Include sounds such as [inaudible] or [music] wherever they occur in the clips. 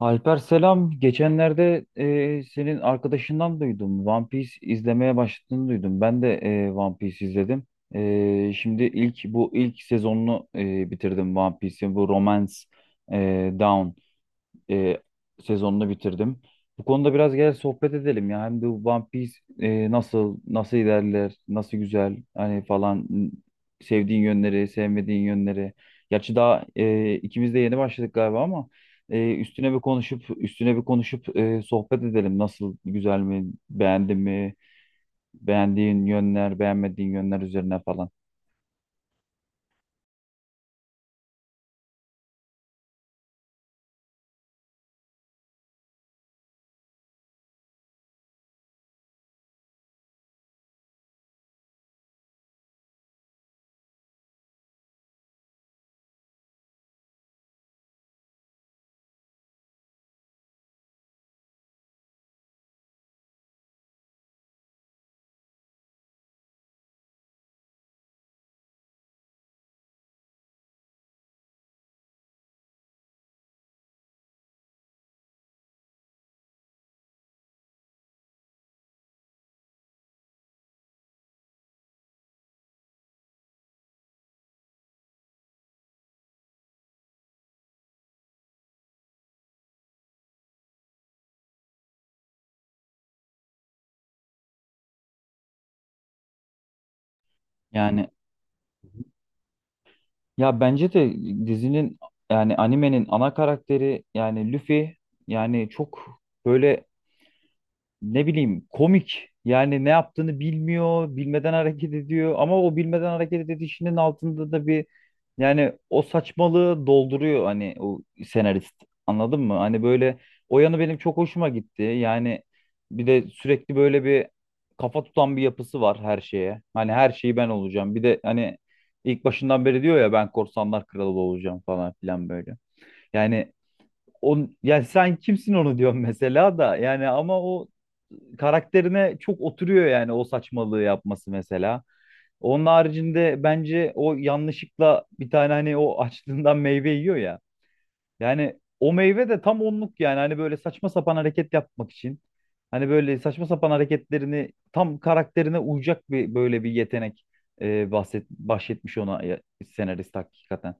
Alper selam. Geçenlerde senin arkadaşından duydum. One Piece izlemeye başladığını duydum. Ben de One Piece izledim. Şimdi ilk bu ilk sezonunu bitirdim One Piece'in. Bu Romance Down e, sezonunu bitirdim. Bu konuda biraz gel sohbet edelim ya. Hem de bu One Piece nasıl ilerler, nasıl güzel hani falan sevdiğin yönleri, sevmediğin yönleri. Gerçi daha ikimiz de yeni başladık galiba ama üstüne bir konuşup sohbet edelim. Nasıl güzel mi, beğendin mi, beğendiğin yönler, beğenmediğin yönler üzerine falan. Yani ya bence de dizinin, yani animenin ana karakteri, yani Luffy, yani çok böyle ne bileyim komik. Yani ne yaptığını bilmiyor, bilmeden hareket ediyor ama o bilmeden hareket edişinin altında da bir, yani o saçmalığı dolduruyor hani o senarist. Anladın mı? Hani böyle o yanı benim çok hoşuma gitti. Yani bir de sürekli böyle bir kafa tutan bir yapısı var her şeye. Hani her şeyi ben olacağım. Bir de hani ilk başından beri diyor ya ben korsanlar kralı olacağım falan filan böyle. Yani on, yani sen kimsin onu diyorum mesela da, yani ama o karakterine çok oturuyor, yani o saçmalığı yapması mesela. Onun haricinde bence o yanlışlıkla bir tane hani o açlığından meyve yiyor ya. Yani o meyve de tam onluk, yani hani böyle saçma sapan hareket yapmak için. Hani böyle saçma sapan hareketlerini tam karakterine uyacak bir böyle bir yetenek bahsetmiş ona ya- senarist hakikaten.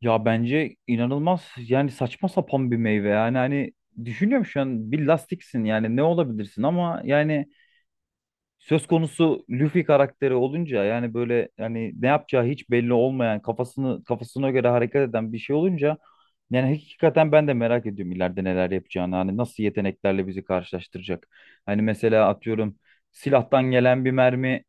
Ya bence inanılmaz, yani saçma sapan bir meyve, yani hani düşünüyorum şu an bir lastiksin yani ne olabilirsin ama yani söz konusu Luffy karakteri olunca yani böyle yani ne yapacağı hiç belli olmayan kafasını kafasına göre hareket eden bir şey olunca yani hakikaten ben de merak ediyorum ileride neler yapacağını, hani nasıl yeteneklerle bizi karşılaştıracak. Hani mesela atıyorum silahtan gelen bir mermi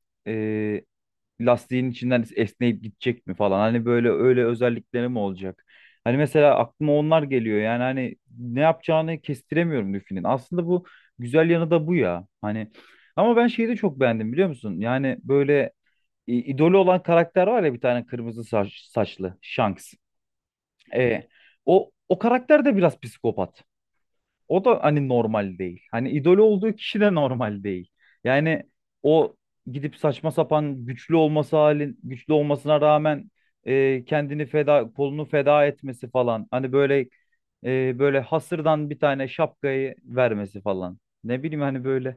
lastiğin içinden esneyip gidecek mi falan. Hani böyle öyle özellikleri mi olacak? Hani mesela aklıma onlar geliyor. Yani hani ne yapacağını kestiremiyorum Luffy'nin. Aslında bu güzel yanı da bu ya. Hani ama ben şeyi de çok beğendim, biliyor musun? Yani böyle idolü olan karakter var ya, bir tane kırmızı saçlı Shanks. E, o karakter de biraz psikopat. O da hani normal değil. Hani idol olduğu kişi de normal değil. Yani o gidip saçma sapan güçlü olması halin güçlü olmasına rağmen e, kendini feda kolunu feda etmesi falan. Hani böyle böyle hasırdan bir tane şapkayı vermesi falan. Ne bileyim hani böyle.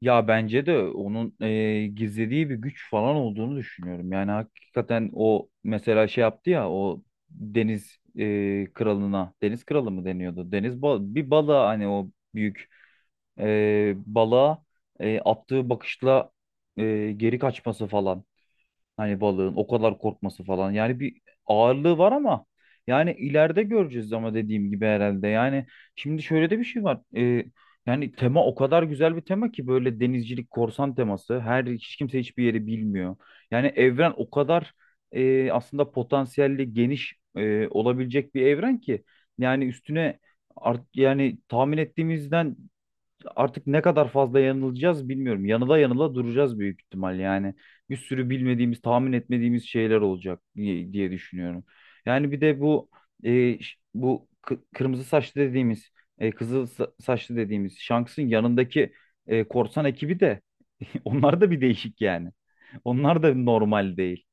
Ya bence de onun gizlediği bir güç falan olduğunu düşünüyorum. Yani hakikaten o mesela şey yaptı ya o deniz kralına, deniz kralı mı deniyordu? Deniz bal bir balığa, hani o büyük balığa attığı bakışla geri kaçması falan. Hani balığın o kadar korkması falan. Yani bir ağırlığı var ama yani ileride göreceğiz ama dediğim gibi herhalde. Yani şimdi şöyle de bir şey var. Yani tema o kadar güzel bir tema ki böyle denizcilik, korsan teması. Her hiç kimse hiçbir yeri bilmiyor. Yani evren o kadar aslında potansiyelli geniş olabilecek bir evren ki yani üstüne yani tahmin ettiğimizden artık ne kadar fazla yanılacağız bilmiyorum. Yanıla yanıla duracağız büyük ihtimal yani. Bir sürü bilmediğimiz, tahmin etmediğimiz şeyler olacak diye düşünüyorum. Yani bir de bu kırmızı saçlı dediğimiz, saçlı dediğimiz Shanks'ın yanındaki korsan ekibi de [laughs] onlar da bir değişik yani. Onlar da normal değil.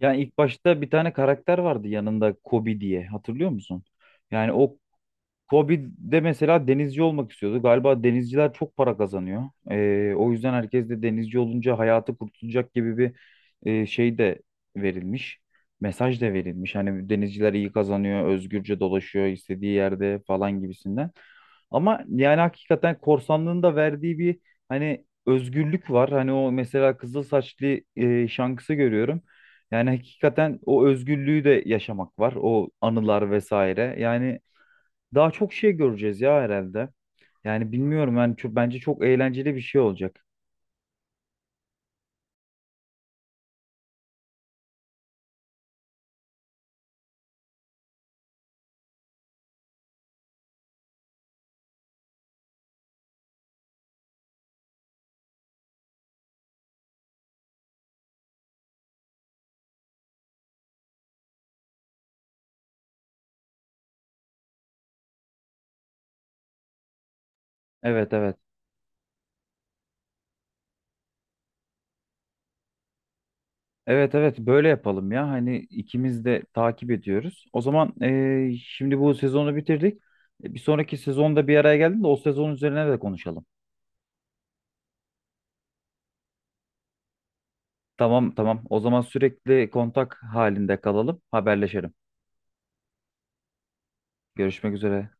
Yani ilk başta bir tane karakter vardı yanında Kobe diye, hatırlıyor musun? Yani o Kobe'de mesela denizci olmak istiyordu. Galiba denizciler çok para kazanıyor. O yüzden herkes de denizci olunca hayatı kurtulacak gibi bir şey de verilmiş. Mesaj da verilmiş. Hani denizciler iyi kazanıyor, özgürce dolaşıyor istediği yerde falan gibisinden. Ama yani hakikaten korsanlığın da verdiği bir hani özgürlük var. Hani o mesela kızıl saçlı şankısı görüyorum. Yani hakikaten o özgürlüğü de yaşamak var. O anılar vesaire. Yani daha çok şey göreceğiz ya herhalde. Yani bilmiyorum yani çok, bence çok eğlenceli bir şey olacak. Evet, evet. Evet, evet, böyle yapalım ya. Hani ikimiz de takip ediyoruz. O zaman şimdi bu sezonu bitirdik. E, bir sonraki sezonda bir araya geldim de o sezon üzerine de konuşalım. Tamam, tamam. O zaman sürekli kontak halinde kalalım. Haberleşelim. Görüşmek üzere.